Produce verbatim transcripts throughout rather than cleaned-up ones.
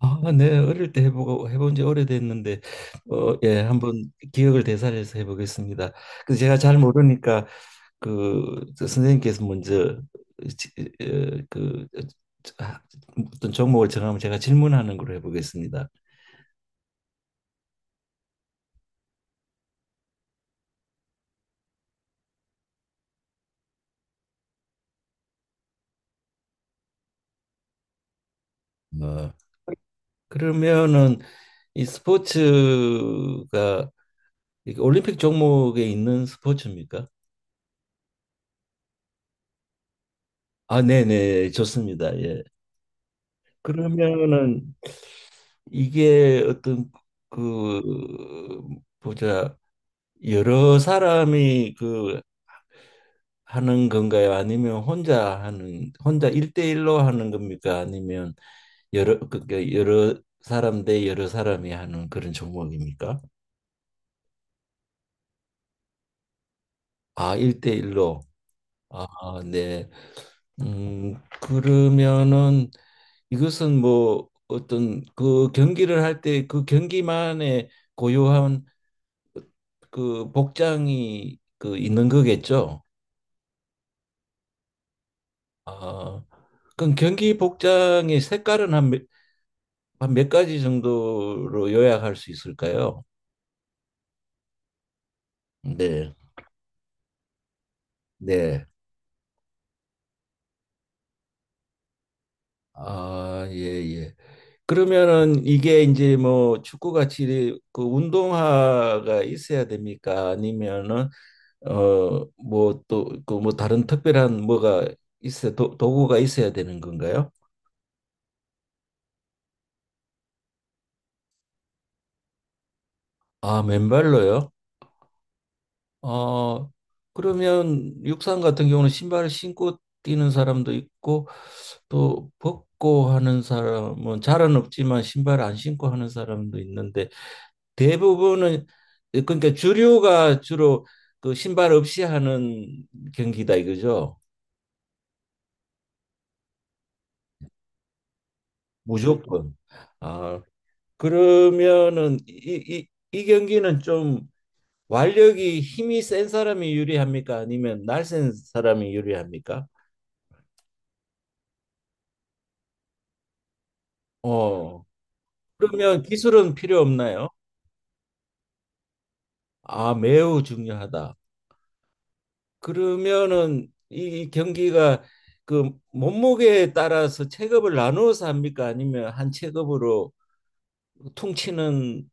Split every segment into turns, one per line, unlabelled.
아, 네, 어릴 때 해보고 해본 지 오래됐는데, 어, 예, 한번 기억을 되살려서 해보겠습니다. 그 제가 잘 모르니까 그저 선생님께서 먼저 지- 어, 그 아, 어떤 종목을 정하면 제가 질문하는 걸로 해보겠습니다. 어, 그러면은 이 스포츠가 이게 올림픽 종목에 있는 스포츠입니까? 아, 네네, 좋습니다. 예. 그러면은 이게 어떤 그 보자 여러 사람이 그 하는 건가요? 아니면 혼자 하는 혼자 일대일로 하는 겁니까? 아니면 여러 그러니까 여러 사람 대 여러 사람이 하는 그런 종목입니까? 아, 일대일로. 아, 네. 음, 그러면은 이것은 뭐 어떤 그 경기를 할 때 그 경기만의 고유한 그 복장이 그 있는 거겠죠? 아, 그럼 경기 복장의 색깔은 한 몇, 한몇 가지 정도로 요약할 수 있을까요? 네, 네. 아, 예, 예. 그러면은 이게 이제 뭐 축구같이 그 운동화가 있어야 됩니까? 아니면은 어 뭐 또 그 뭐 다른 특별한 뭐가 있어 도, 도구가 있어야 되는 건가요? 아, 맨발로요? 어 그러면 육상 같은 경우는 신발을 신고 뛰는 사람도 있고 또 벗고 하는 사람은 잘은 없지만 신발 안 신고 하는 사람도 있는데 대부분은 그러니까 주류가 주로 그 신발 없이 하는 경기다 이거죠. 무조건. 아, 그러면은 이, 이, 이 경기는 좀 완력이 힘이 센 사람이 유리합니까? 아니면 날쌘 사람이 유리합니까? 어. 그러면 기술은 필요 없나요? 아, 매우 중요하다. 그러면은 이 경기가 그 몸무게에 따라서 체급을 나누어서 합니까? 아니면 한 체급으로 보통 치는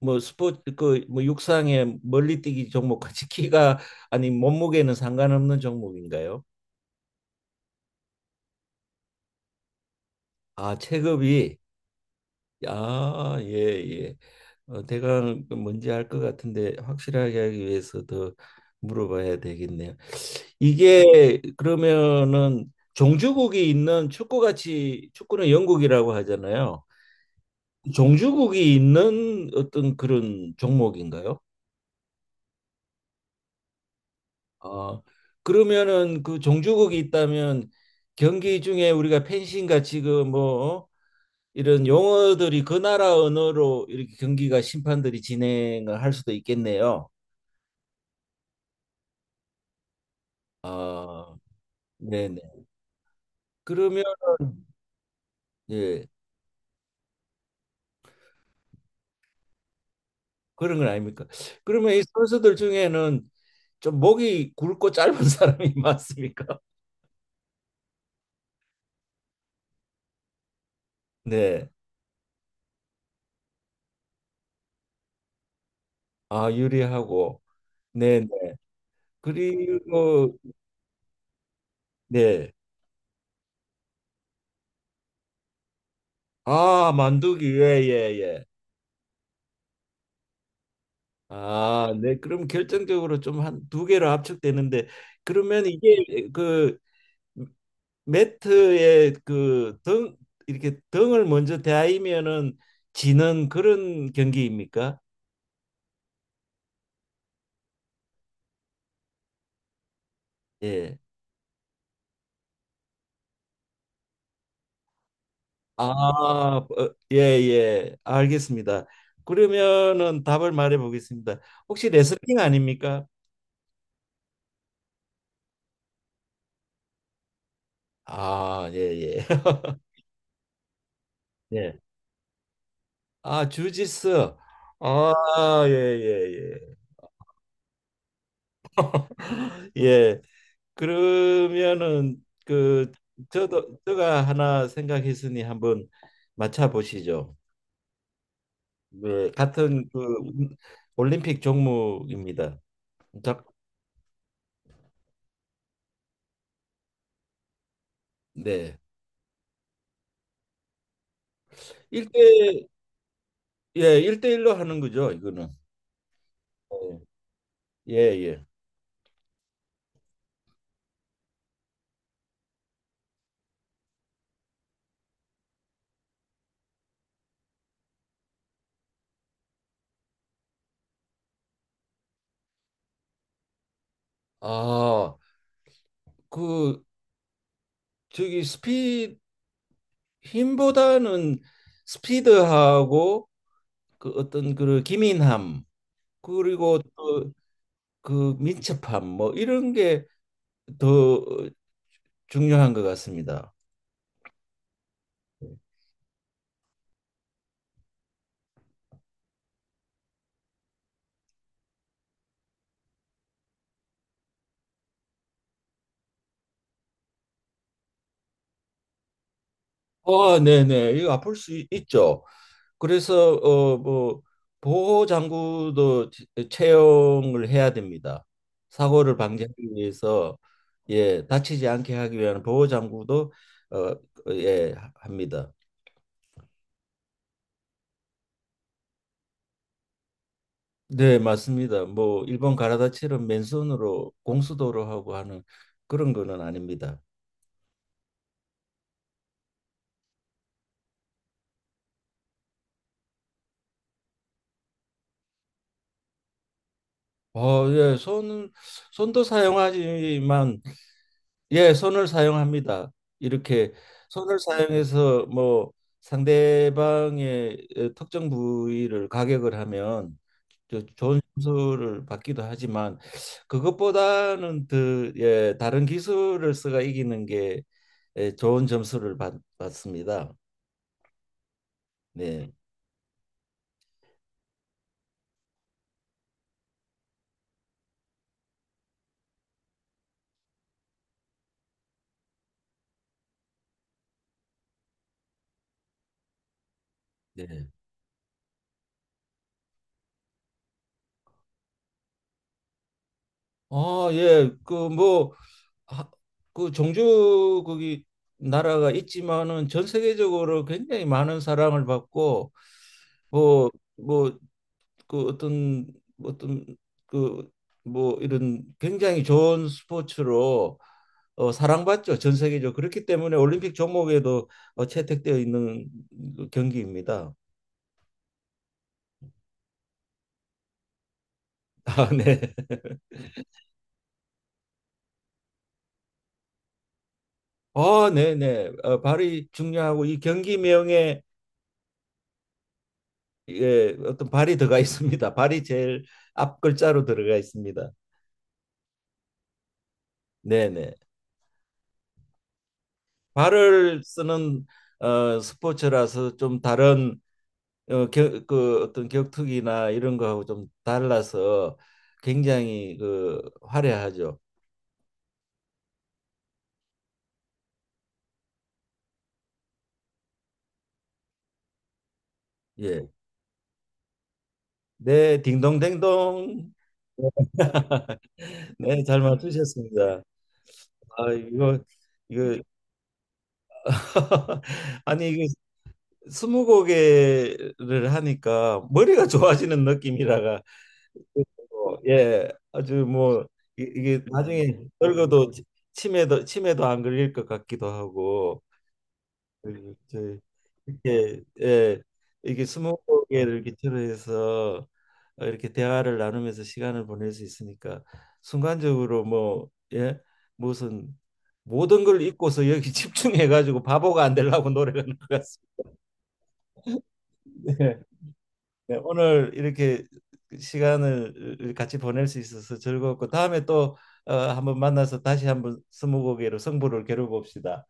뭐 스포츠 그뭐 육상의 멀리뛰기 종목같이 키가 아니 몸무게는 상관없는 종목인가요? 아, 체급이. 아, 예, 예. 어, 대강 뭔지 알 것 같은데 확실하게 하기 위해서 더 물어봐야 되겠네요. 이게 그러면은 종주국이 있는, 축구같이 축구는 영국이라고 하잖아요. 종주국이 있는 어떤 그런 종목인가요? 어, 그러면은 그 종주국이 있다면 경기 중에 우리가 펜싱 같이 그뭐 어? 이런 용어들이 그 나라 언어로 이렇게 경기가 심판들이 진행을 할 수도 있겠네요. 아, 네네. 그러면 예, 그런 건 아닙니까? 그러면 이 선수들 중에는 좀 목이 굵고 짧은 사람이 많습니까? 네. 아 유리하고. 네네. 그리고. 네. 아 만두기. 예, 예, 예. 아, 네. 그럼 결정적으로 좀 한 두 개로 압축되는데 그러면 이게 그 매트에 그 등 이렇게 등을 먼저 대하면은 지는 그런 경기입니까? 예. 아, 어, 예, 예. 알겠습니다. 그러면은 답을 말해 보겠습니다. 혹시 레슬링 아닙니까? 아, 예, 예. 예. 아, 주짓수. 아, 예, 예, 예. 예. 그러면은 그 저도 제가 하나 생각했으니 한번 맞춰 보시죠. 네, 같은 그 올림픽 종목입니다. 자, 네. 일대. 예, 일대일로 하는 거죠, 이거는. 네. 예, 예. 아, 그 저기 스피 힘보다는 스피드하고 그 어떤 그 기민함 그리고 또 그 민첩함 뭐 이런 게더 중요한 것 같습니다. 아, 네네. 이거 아플 수 있- 있죠. 그래서 어 뭐 보호 장구도 치- 채용을 해야 됩니다. 사고를 방지하기 위해서 예, 다치지 않게 하기 위한 보호 장구도 어, 예, 합니다. 네, 맞습니다. 뭐 일본 가라다처럼 맨손으로 공수도로 하고 하는 그런 거는 아닙니다. 어, 예, 손은 손도 사용하지만 예, 손을 사용합니다. 이렇게 손을 사용해서 뭐 상대방의 에, 특정 부위를 가격을 하면 저- 좋은 점수를 받기도 하지만 그것보다는 더 예, 다른 기술을 써가 이기는 게 예, 좋은 점수를 받, 받습니다. 네. 네. 아, 예. 그 뭐 그 종주국이 나라가 있지만은 전 세계적으로 굉장히 많은 사랑을 받고 뭐 뭐 그 어떤 뭐 어떤 그 뭐 이런 굉장히 좋은 스포츠로 어, 사랑받죠. 전 세계적으로 그렇기 때문에 올림픽 종목에도 어, 채택되어 있는 그 경기입니다. 아, 네. 어, 네, 네. 어, 발이 중요하고 이 경기 명에 예, 어떤 발이 들어가 있습니다. 발이 제일 앞 글자로 들어가 있습니다. 네, 네. 발을 쓰는 어, 스포츠라서 좀 다른 어, 겨, 그 어떤 격투기나 이런 거하고 좀 달라서 굉장히 그 화려하죠. 예. 네, 딩동댕동. 네, 잘 맞추셨습니다. 아, 이거 이거 아니 이거 스무고개를 하니까 머리가 좋아지는 느낌이라가 어, 예, 아주 뭐 이- 이게 나중에 늙어도 치- 치매도 치매도 안 걸릴 것 같기도 하고 그, 저 이렇게 예, 이게 스무고개를 기초로 해서 어, 이렇게 대화를 나누면서 시간을 보낼 수 있으니까 순간적으로 뭐 예, 무슨 모든 걸 잊고서 여기 집중해 가지고 바보가 안 되려고 노력하는 것 같습니다. 네. 네, 오늘 이렇게 시간을 같이 보낼 수 있어서 즐거웠고 다음에 또 어, 한번 만나서 다시 한번 스무고개로 승부를 겨뤄 봅시다.